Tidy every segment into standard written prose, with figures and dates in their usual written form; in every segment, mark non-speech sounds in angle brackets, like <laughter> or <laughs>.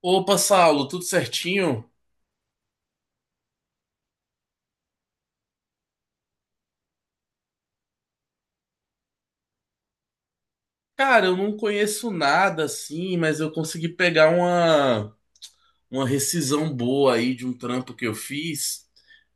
Opa, Saulo, tudo certinho? Cara, eu não conheço nada assim, mas eu consegui pegar uma rescisão boa aí de um trampo que eu fiz,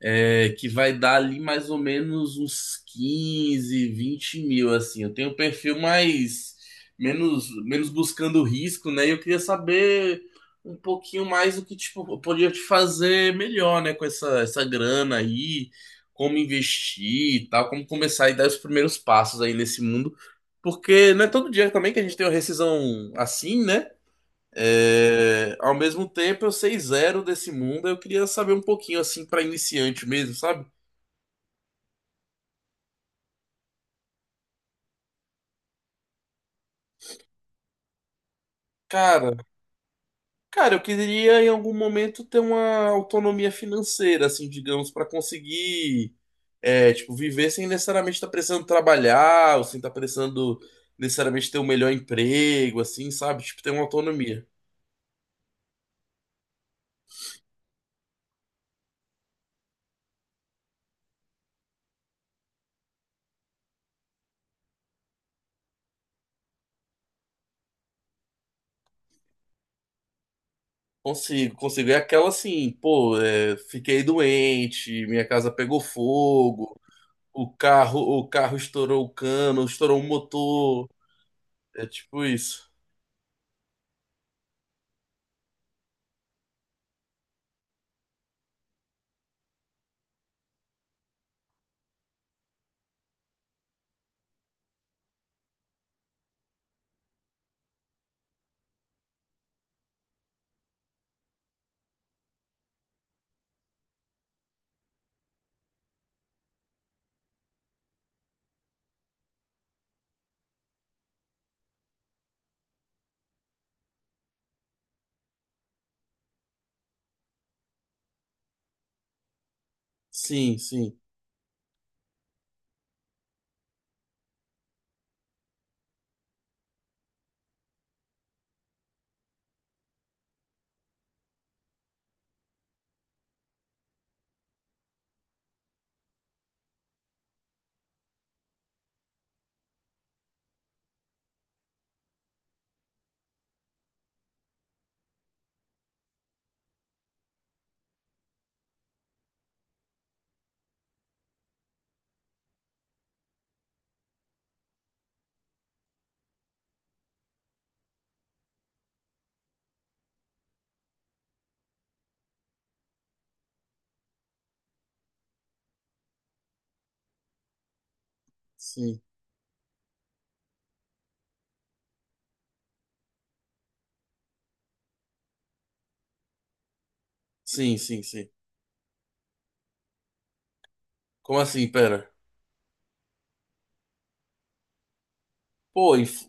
é, que vai dar ali mais ou menos uns 15, 20 mil, assim. Eu tenho um perfil mais, menos buscando risco, né? E eu queria saber um pouquinho mais o que, tipo, eu podia te fazer melhor, né? Com essa grana aí, como investir e tal, como começar e dar os primeiros passos aí nesse mundo. Porque não é todo dia também que a gente tem uma rescisão assim, né? É, ao mesmo tempo, eu sei zero desse mundo. Eu queria saber um pouquinho assim pra iniciante mesmo, sabe? Cara, cara, eu queria em algum momento ter uma autonomia financeira, assim, digamos, pra conseguir, é, tipo, viver sem necessariamente estar precisando trabalhar, ou sem estar precisando necessariamente ter o melhor emprego, assim, sabe? Tipo, ter uma autonomia. Consigo, consigo. É aquela assim, pô, é, fiquei doente, minha casa pegou fogo. O carro estourou o cano, estourou o motor. É tipo isso. Sim, sim, sim, sim, sim, sim. Como assim, pera? Pô, inf-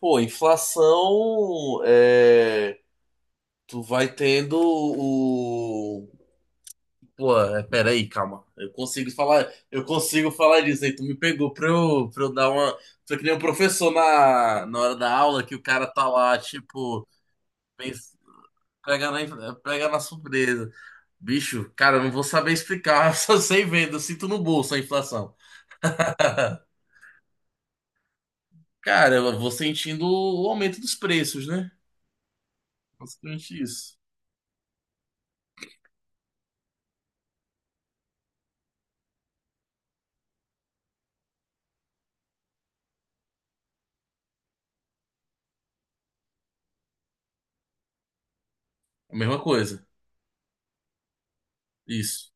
pô, inflação é. Tu vai tendo o. Pô, é, pera aí, calma. Eu consigo falar disso aí. Tu me pegou pra eu dar uma. Foi que nem um professor na hora da aula que o cara tá lá, tipo, pens- pega na surpresa. Bicho, cara, eu não vou saber explicar, <laughs> eu só sei vendo, eu sinto no bolso a inflação. <laughs> Cara, eu vou sentindo o aumento dos preços, né? Basicamente isso. A mesma coisa. Isso.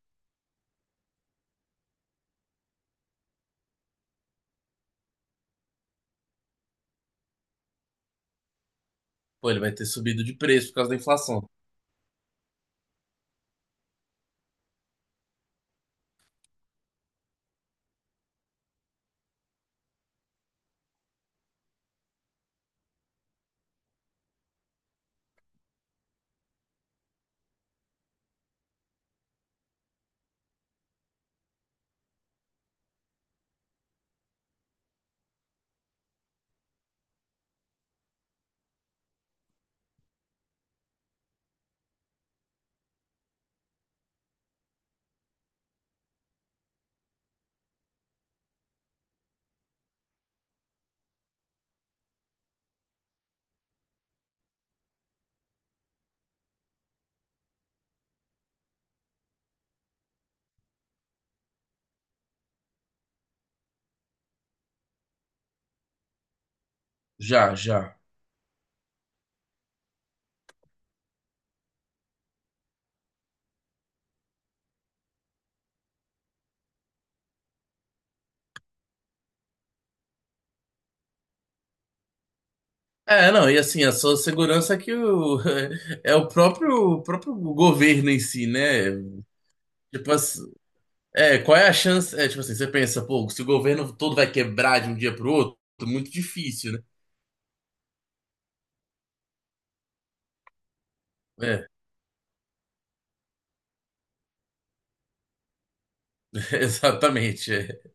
Pô, ele vai ter subido de preço por causa da inflação. Já, já. É, não, e assim, a sua segurança é que o, <laughs> é o próprio governo em si, né? Tipo assim, é, qual é a chance? É, tipo assim, você pensa, pô, se o governo todo vai quebrar de um dia pro outro, muito difícil, né? É, <laughs> exatamente. É.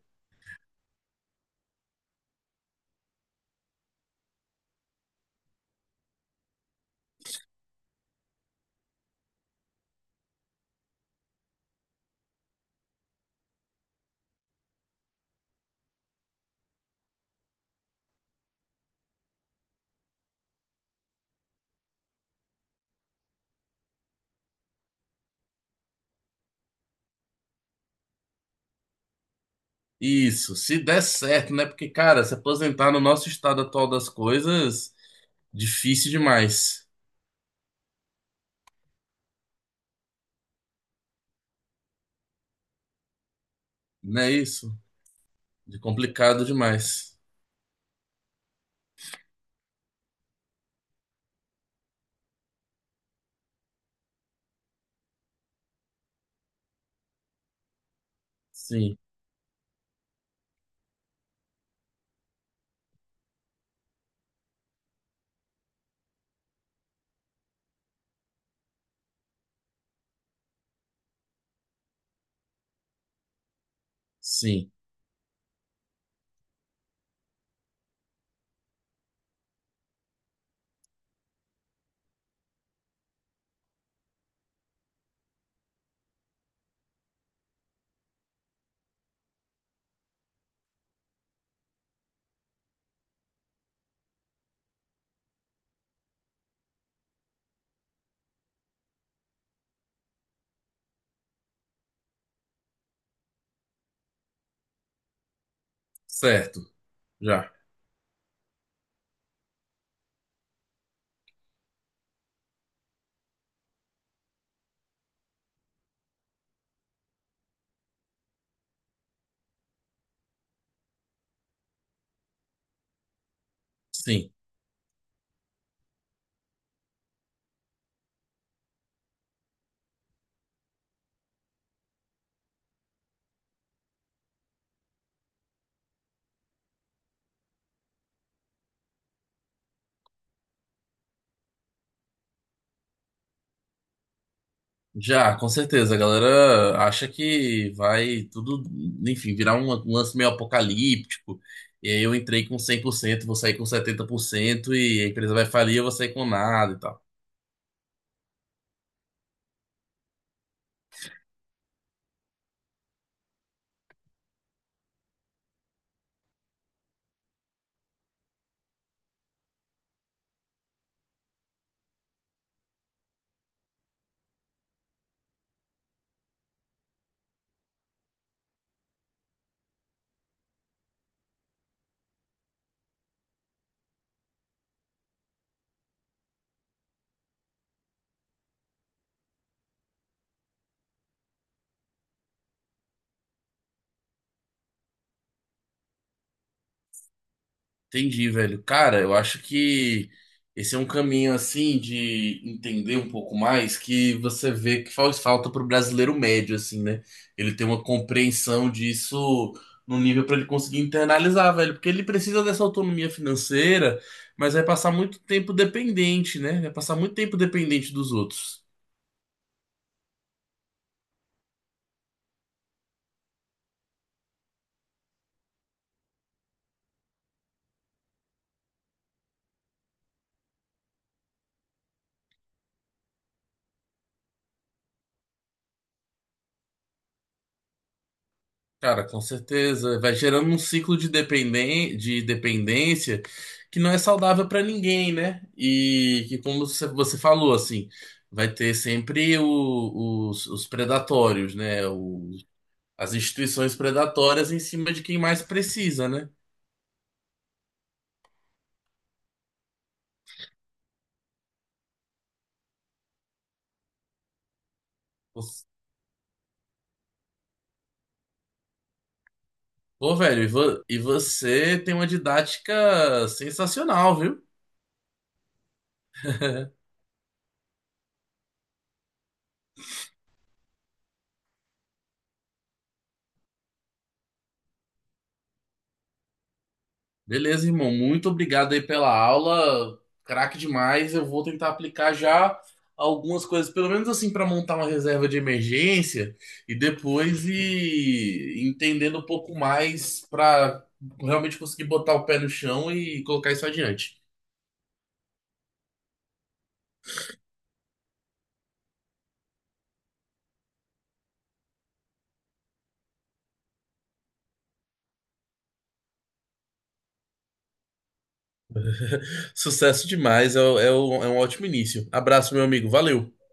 Isso, se der certo, né? Porque, cara, se aposentar no nosso estado atual das coisas, difícil demais. Não é isso? De complicado demais. Sim, sim. Certo. Já. Sim. Já, com certeza. A galera acha que vai tudo, enfim, virar um lance meio apocalíptico. E aí eu entrei com 100%, vou sair com 70% e a empresa vai falir, eu vou sair com nada e tal. Entendi, velho. Cara, eu acho que esse é um caminho assim de entender um pouco mais que você vê que faz falta pro brasileiro médio, assim, né? Ele tem uma compreensão disso no nível para ele conseguir internalizar, velho, porque ele precisa dessa autonomia financeira, mas vai passar muito tempo dependente, né? Vai passar muito tempo dependente dos outros. Cara, com certeza. Vai gerando um ciclo de dependen de dependência que não é saudável pra ninguém, né? E que, como você falou, assim, vai ter sempre os predatórios, né? As instituições predatórias em cima de quem mais precisa, né? Pô, velho, e você tem uma didática sensacional, viu? Beleza, irmão. Muito obrigado aí pela aula. Craque demais. Eu vou tentar aplicar já algumas coisas, pelo menos assim, para montar uma reserva de emergência e depois ir entendendo um pouco mais para realmente conseguir botar o pé no chão e colocar isso adiante. Sucesso demais. É um ótimo início. Abraço, meu amigo. Valeu.